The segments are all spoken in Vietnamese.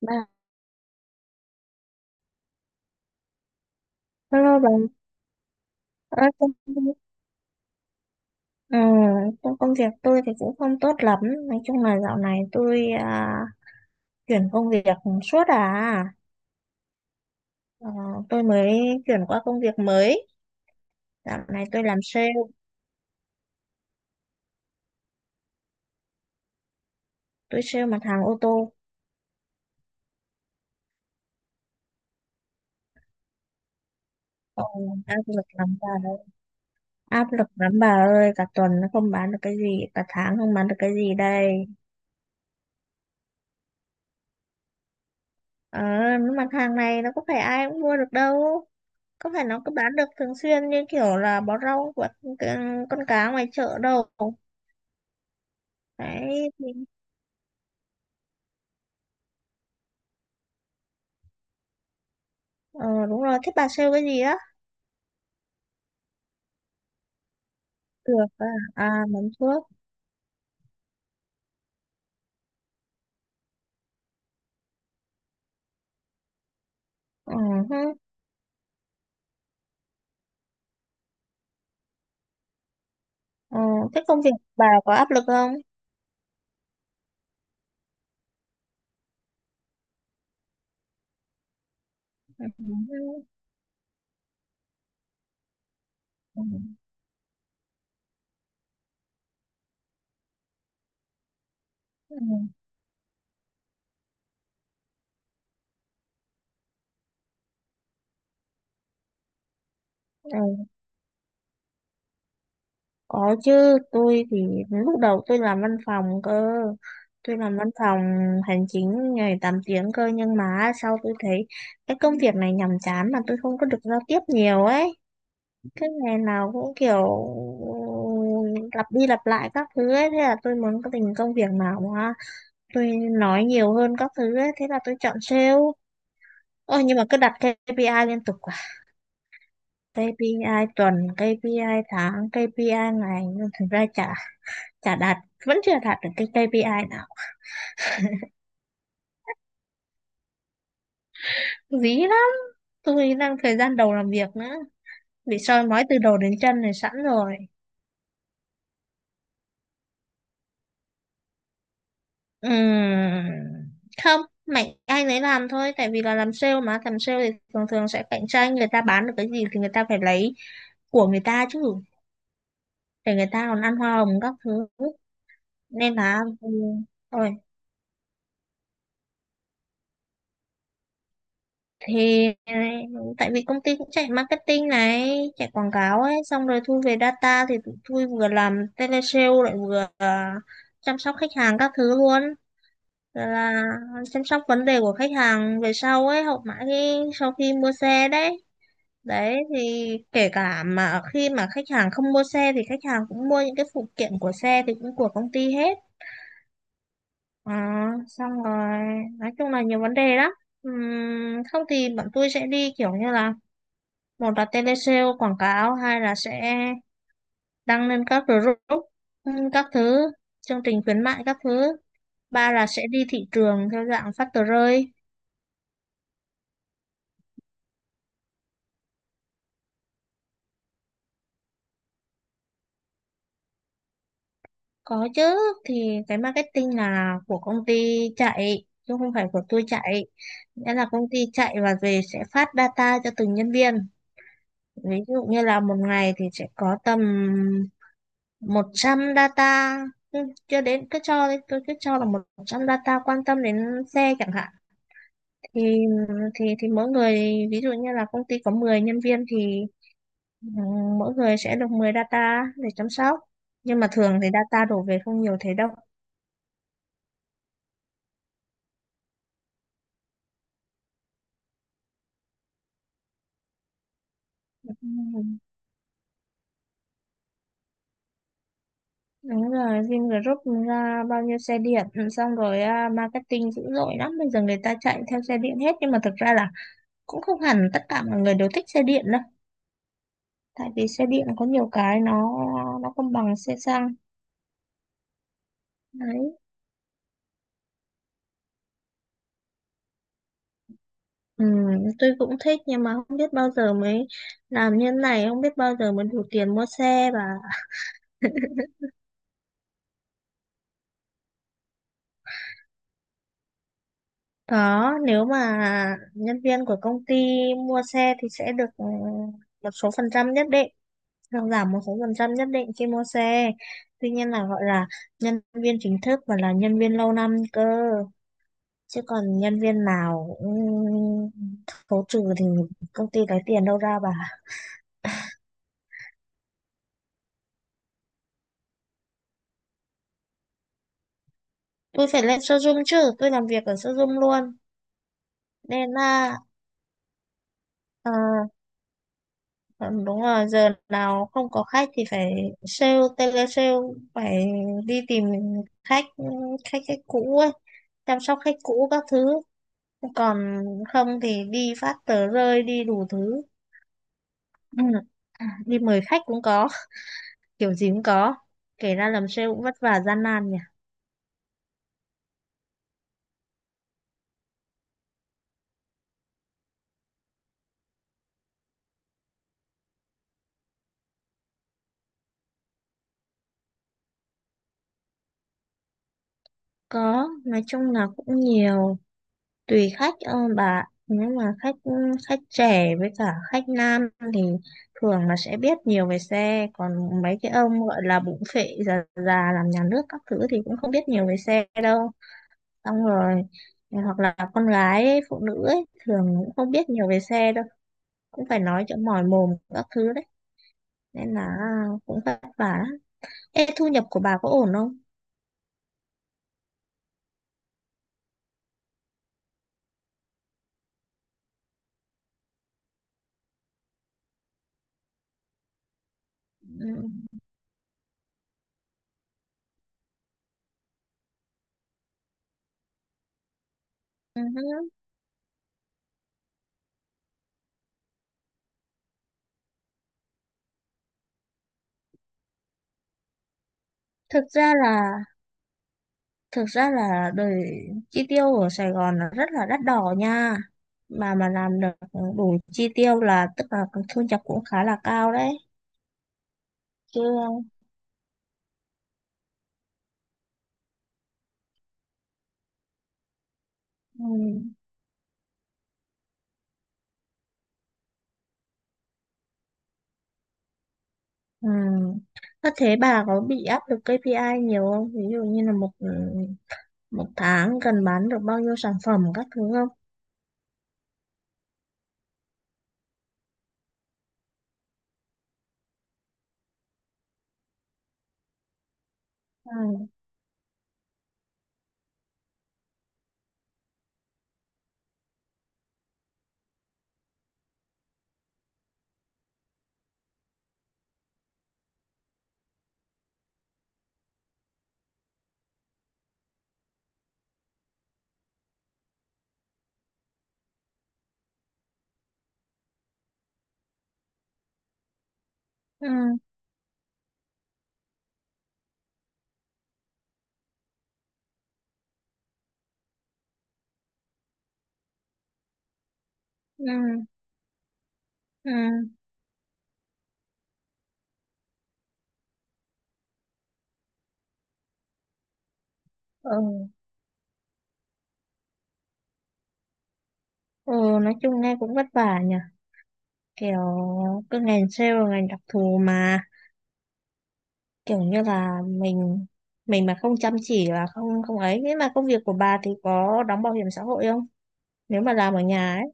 Mà hello bà, à, công, ừ, trong công việc tôi thì cũng không tốt lắm. Nói chung là dạo này tôi chuyển công việc suốt à. Ờ, tôi mới chuyển qua công việc mới. Dạo này tôi làm sale, tôi sale mặt hàng ô tô. Ờ, Áp lực lắm bà ơi. Áp lực lắm bà ơi, cả tuần nó không bán được cái gì, cả tháng không bán được cái gì đây. Ờ, những mặt hàng này nó có phải ai cũng mua được đâu. Có phải nó cứ bán được thường xuyên như kiểu là bó rau của con cá ngoài chợ đâu. Đấy, thì- ờ, đúng rồi, thế bà sale cái gì á? Được à, à mắm thuốc. Ừ, hứ. Ờ, thế công việc bà có áp lực không? Ừ, hứ. Ừ, ừ, ừ. Có chứ, tôi thì lúc đầu tôi làm văn phòng cơ. Tôi làm văn phòng hành chính ngày 8 tiếng cơ, nhưng mà sau tôi thấy cái công việc này nhàm chán mà tôi không có được giao tiếp nhiều ấy. Cái ngày nào cũng kiểu ừ, lặp đi lặp lại các thứ ấy, thế là tôi muốn có tình công việc nào mà tôi nói nhiều hơn các thứ ấy, thế là tôi chọn sale. Ôi, nhưng mà cứ đặt KPI liên tục quá, KPI tuần, KPI tháng, KPI ngày, nhưng thực ra chả chả đạt, vẫn chưa đạt được cái KPI nào. Dí lắm, tôi đang thời gian đầu làm việc nữa, bị soi mói từ đầu đến chân này sẵn rồi. Ừm, Không, mạnh ai nấy làm thôi, tại vì là làm sale mà, làm sale thì thường thường sẽ cạnh tranh, người ta bán được cái gì thì người ta phải lấy của người ta chứ, để người ta còn ăn hoa hồng các thứ. Nên là rồi thì tại vì công ty cũng chạy marketing này, chạy quảng cáo ấy, xong rồi thu về data thì tụi tôi vừa làm telesale lại vừa chăm sóc khách hàng các thứ luôn, rồi là chăm sóc vấn đề của khách hàng về sau ấy, hậu mãi khi sau khi mua xe đấy. Đấy thì kể cả mà khi mà khách hàng không mua xe thì khách hàng cũng mua những cái phụ kiện của xe thì cũng của công ty hết. Ờ, Xong rồi, nói chung là nhiều vấn đề lắm. Không thì bọn tôi sẽ đi kiểu như là, một là tele sale quảng cáo, hai là sẽ đăng lên các group, các thứ chương trình khuyến mại các thứ, ba là sẽ đi thị trường theo dạng phát tờ rơi. Có chứ, thì cái marketing là của công ty chạy chứ không phải của tôi chạy. Nghĩa là công ty chạy và về sẽ phát data cho từng nhân viên. Ví dụ như là một ngày thì sẽ có tầm 100 data, ừ, cho đến cứ cho đi, cứ cứ cho là 100 data quan tâm đến xe chẳng hạn, thì thì mỗi người, ví dụ như là công ty có 10 nhân viên thì ừ, mỗi người sẽ được 10 data để chăm sóc. Nhưng mà thường thì data đổ về không nhiều thế đâu. Ừ, đúng rồi, Vingroup ra bao nhiêu xe điện, xong rồi marketing dữ dội lắm, bây giờ người ta chạy theo xe điện hết, nhưng mà thực ra là cũng không hẳn tất cả mọi người đều thích xe điện đâu. Tại vì xe điện có nhiều cái nó không bằng xe xăng. Đấy, ừ, tôi cũng thích nhưng mà không biết bao giờ mới làm như thế này, không biết bao giờ mới đủ tiền mua xe. Và có, nếu mà nhân viên của công ty mua xe thì sẽ được một số phần trăm nhất định, hoặc giảm một số phần trăm nhất định khi mua xe. Tuy nhiên là gọi là nhân viên chính thức và là nhân viên lâu năm cơ, chứ còn nhân viên nào cũng khấu trừ thì công ty lấy tiền đâu ra bà. Tôi phải lên showroom chứ, tôi làm việc ở showroom luôn, nên là ờ, ờ, đúng rồi, giờ nào không có khách thì phải sale, tele sale, phải đi tìm khách, khách cũ ấy, chăm sóc khách cũ các thứ. Còn không thì đi phát tờ rơi, đi đủ thứ. Ừ, đi mời khách cũng có, kiểu gì cũng có, kể ra làm sale cũng vất vả gian nan nhỉ. Có, nói chung là cũng nhiều, tùy khách bà, nếu mà khách khách trẻ với cả khách nam thì thường là sẽ biết nhiều về xe, còn mấy cái ông gọi là bụng phệ già già làm nhà nước các thứ thì cũng không biết nhiều về xe đâu. Xong rồi hoặc là con gái ấy, phụ nữ ấy, thường cũng không biết nhiều về xe đâu, cũng phải nói cho mỏi mồm các thứ đấy, nên là cũng vất vả lắm. Ê, thu nhập của bà có ổn không? Ừ, ừ, ừ. Thực ra là thực ra là đời chi tiêu ở Sài Gòn là rất là đắt đỏ nha, mà làm được đủ chi tiêu là tức là thu nhập cũng khá là cao đấy chứ. Ừ, ừ. Có, thế bà có bị áp lực KPI nhiều không, ví dụ như là một một tháng cần bán được bao nhiêu sản phẩm các thứ không. Ừ. Ừ. Ừ. Ừ. Ừ. Ừ. Nói chung nghe cũng vất vả nhỉ, kiểu cái ngành sale là ngành đặc thù mà, kiểu như là mình mà không chăm chỉ là không, không ấy. Nhưng mà công việc của bà thì có đóng bảo hiểm xã hội không, nếu mà làm ở nhà ấy.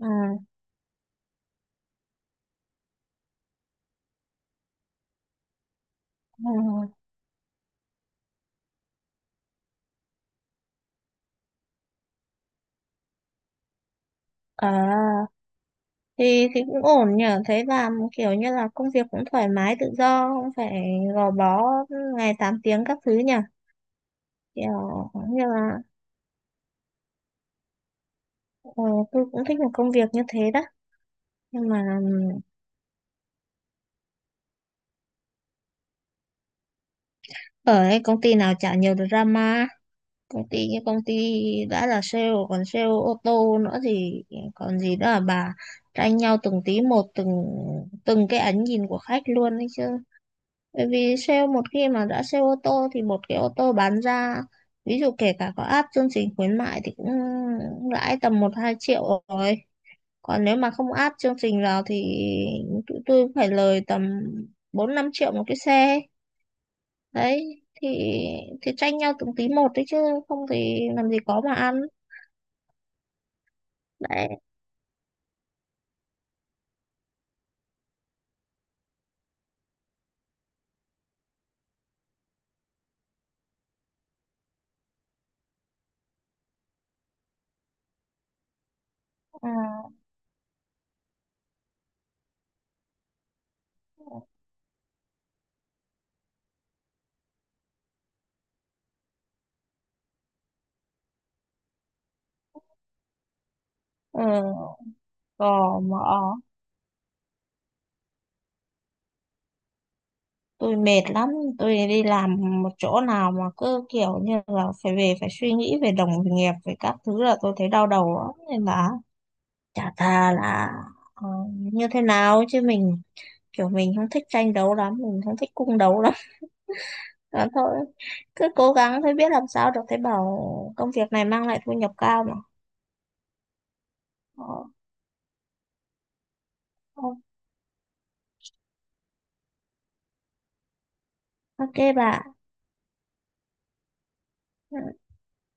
À, à, à, thì cũng ổn nhỉ, thấy làm kiểu như là công việc cũng thoải mái tự do, không phải gò bó ngày 8 tiếng các thứ nhỉ, kiểu như là ờ, tôi cũng thích một công việc như thế đó. Nhưng mà ở cái công ty nào chả nhiều drama, công ty đã là sale còn sale ô tô nữa thì còn gì đó là bà, tranh nhau từng tí một, từng từng cái ánh nhìn của khách luôn đấy chứ. Bởi vì sale, một khi mà đã sale ô tô thì một cái ô tô bán ra, ví dụ kể cả có áp chương trình khuyến mại thì cũng lãi tầm một hai triệu rồi, còn nếu mà không áp chương trình vào thì tụi tôi cũng phải lời tầm bốn năm triệu một cái xe. Đấy thì tranh nhau từng tí một đấy chứ, không thì làm gì có mà ăn. Đấy. À, ừ, cò mỏ. Tôi mệt lắm, tôi đi làm một chỗ nào mà cứ kiểu như là phải về phải suy nghĩ về đồng nghiệp về các thứ là tôi thấy đau đầu lắm, nên là chả thà là như thế nào chứ mình, kiểu mình không thích tranh đấu lắm, mình không thích cung đấu lắm. Đó thôi, cứ cố gắng thôi, biết làm sao được, thấy bảo công việc này mang lại thu nhập cao mà. Ờ, ok bà.